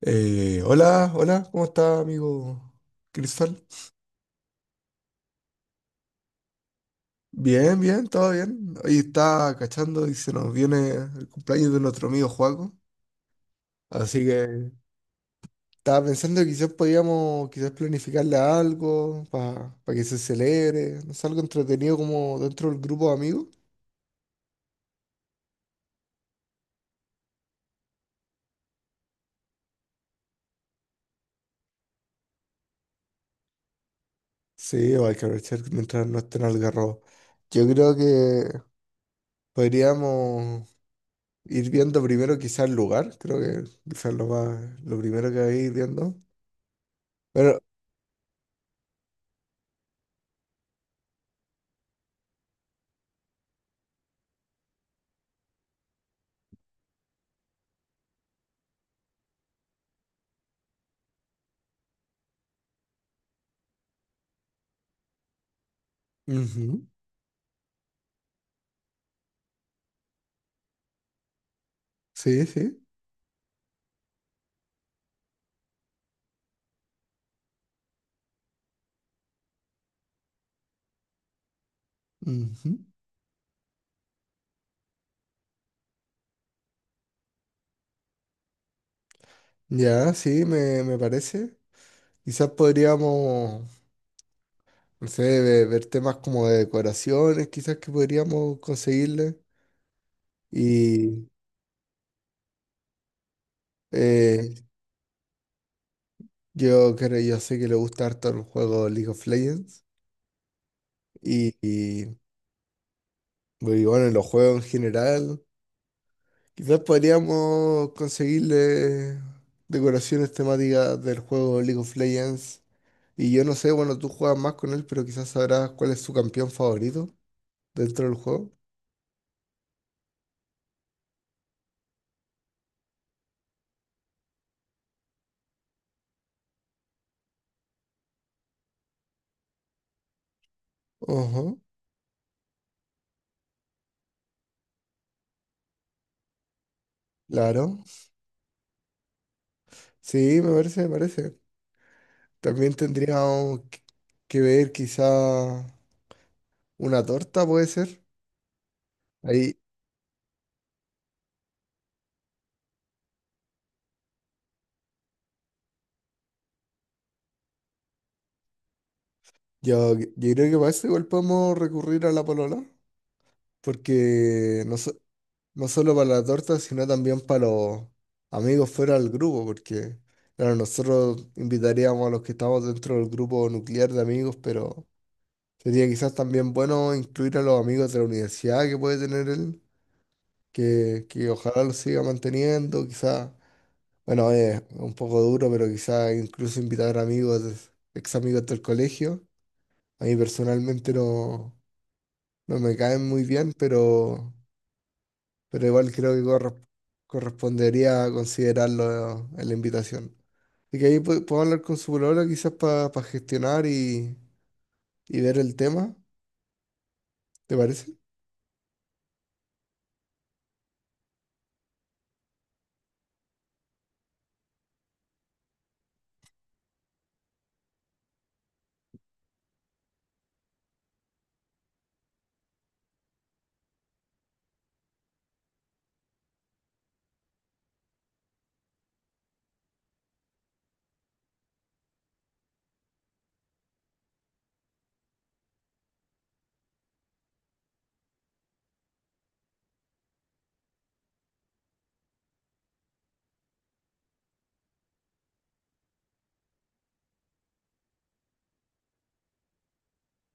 Hola, hola, ¿cómo está, amigo Cristal? Bien, bien, todo bien. Hoy está cachando y se nos viene el cumpleaños de nuestro amigo Joaco. Así que estaba pensando que quizás podíamos quizás planificarle algo para que se celebre, no sé, algo entretenido como dentro del grupo de amigos. Sí, o hay que aprovechar mientras no estén algarrobos. Yo creo que podríamos ir viendo primero quizás el lugar, creo que quizás lo más, lo primero que hay ir viendo. Pero ujú, sí, sí. Ujú. Ya, sí, me parece. Quizás podríamos, no sé, ver temas como de decoraciones, quizás que podríamos conseguirle. Y eh, yo creo, yo sé que le gusta harto el juego League of Legends. Y, y, y bueno, los juegos en general. Quizás podríamos conseguirle decoraciones temáticas del juego League of Legends. Y yo no sé, bueno, tú juegas más con él, pero quizás sabrás cuál es su campeón favorito dentro del juego. Ajá, claro. Sí, me parece, me parece. También tendríamos que ver quizá una torta, puede ser. Ahí, yo creo que para eso igual podemos recurrir a la polola, porque no, no solo para la torta, sino también para los amigos fuera del grupo, porque claro, nosotros invitaríamos a los que estamos dentro del grupo nuclear de amigos, pero... Sería quizás también bueno incluir a los amigos de la universidad que puede tener él, que ojalá lo siga manteniendo, quizás, bueno, es un poco duro, pero quizás incluso invitar amigos, ex amigos del colegio. A mí personalmente no, no me caen muy bien, pero igual creo que correspondería considerarlo en la invitación. Así que ahí puedo hablar con su polola quizás para gestionar y ver el tema, ¿te parece?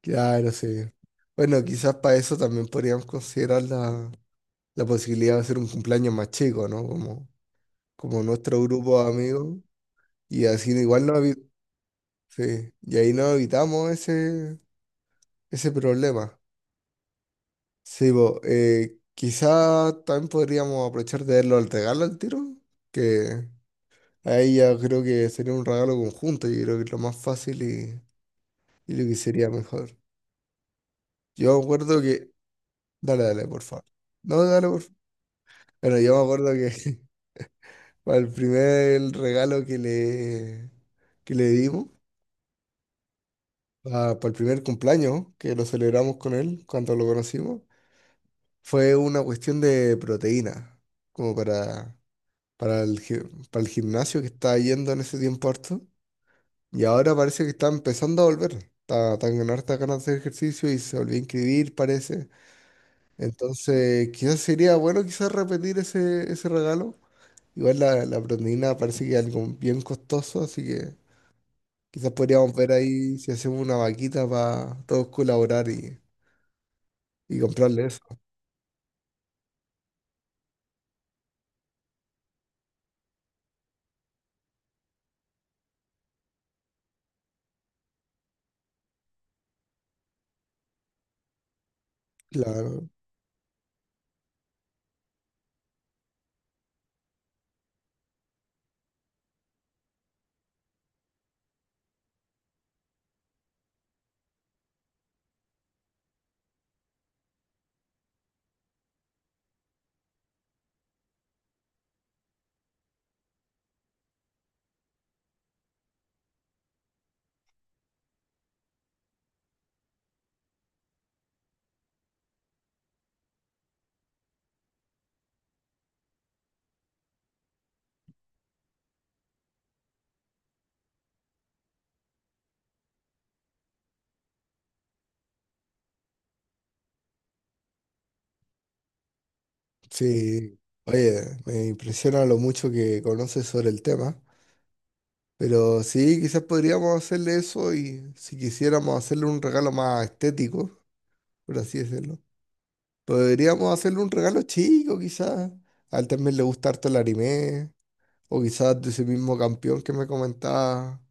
Claro, sí. Bueno, quizás para eso también podríamos considerar la posibilidad de hacer un cumpleaños más chico, ¿no? Como, como nuestro grupo de amigos. Y así igual no sí, y ahí no evitamos ese, ese problema. Sí, bo, quizás también podríamos aprovechar de verlo al regalo al tiro, que ahí ya creo que sería un regalo conjunto, yo creo que es lo más fácil y lo que sería mejor. Yo acuerdo que... Dale, dale, por favor. No, dale, por bueno, yo me acuerdo que para el primer regalo que le dimos, el primer cumpleaños que lo celebramos con él cuando lo conocimos, fue una cuestión de proteína, como para, para el, gi- para el gimnasio que estaba yendo en ese tiempo harto. Y ahora parece que está empezando a volver. Está, está con hartas ganas de hacer ejercicio y se volvió a inscribir, parece. Entonces, quizás sería bueno quizás repetir ese, ese regalo. Igual la proteína parece que es algo bien costoso, así que quizás podríamos ver ahí si hacemos una vaquita para todos colaborar y comprarle eso. Claro, sí. Oye, me impresiona lo mucho que conoces sobre el tema, pero sí, quizás podríamos hacerle eso y si quisiéramos hacerle un regalo más estético, por así decirlo, podríamos hacerle un regalo chico, quizás. A él también le gusta harto el anime, o quizás de ese mismo campeón que me comentaba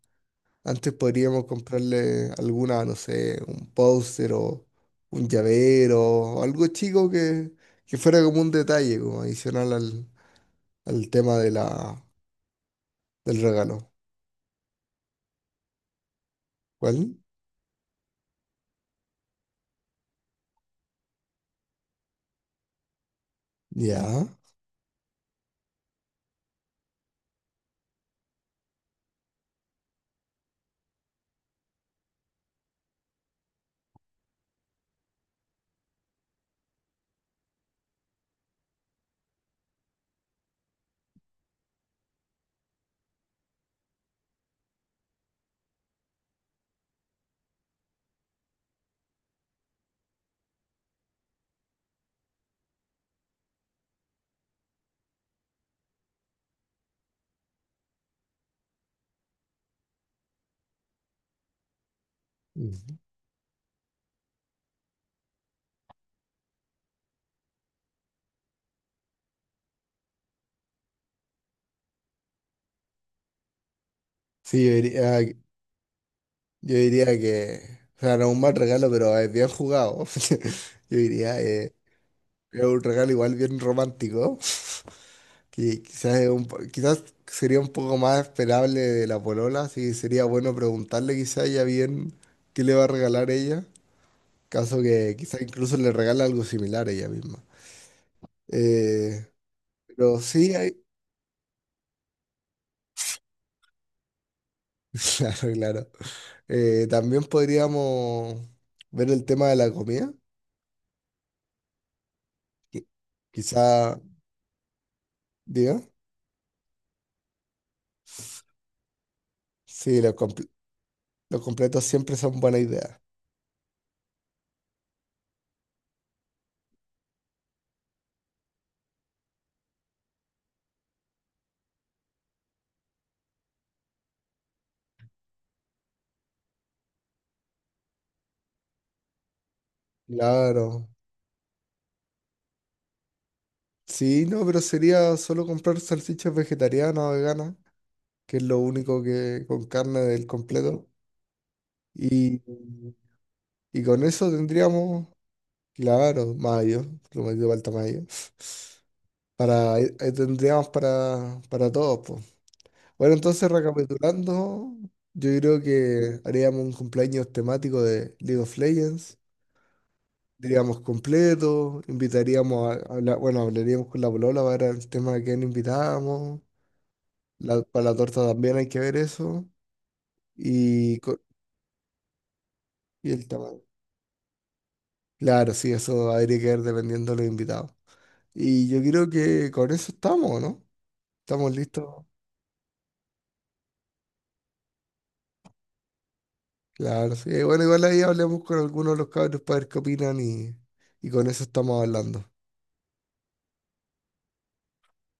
antes podríamos comprarle alguna, no sé, un póster o un llavero o algo chico que fuera como un detalle, como adicional al tema de del regalo. ¿Cuál? Ya. Ujú. Sí, yo diría que, o sea, no es un mal regalo, pero es bien jugado. Yo diría, es un regalo igual bien romántico. Que quizás, es un quizás sería un poco más esperable de la polola, así que sería bueno preguntarle quizás ella bien qué le va a regalar ella, caso que quizás incluso le regala algo similar ella misma. Eh, pero sí hay... Claro, claro. También podríamos ver el tema de la comida, que quizá, diga, sí, los completos siempre son buena idea. Claro. Sí, no, pero sería solo comprar salchichas vegetarianas o veganas, que es lo único que con carne del completo. Y, y con eso tendríamos, claro, mayo, lo metido falta mayo. Para, ahí tendríamos para todos, po. Bueno, entonces recapitulando, yo creo que haríamos un cumpleaños temático de League of Legends. Diríamos completo, invitaríamos a hablar, bueno, hablaríamos con la polola para ver el tema de quién invitamos. Para la torta también hay que ver eso. Y, co- y el tema. Claro, sí, eso habría que ver dependiendo de los invitados. Y yo creo que con eso estamos, ¿no? Estamos listos. Claro, sí. Bueno, igual ahí hablemos con algunos de los cabros para ver qué opinan y con eso estamos hablando.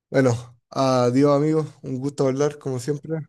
Bueno, adiós amigos, un gusto hablar como siempre.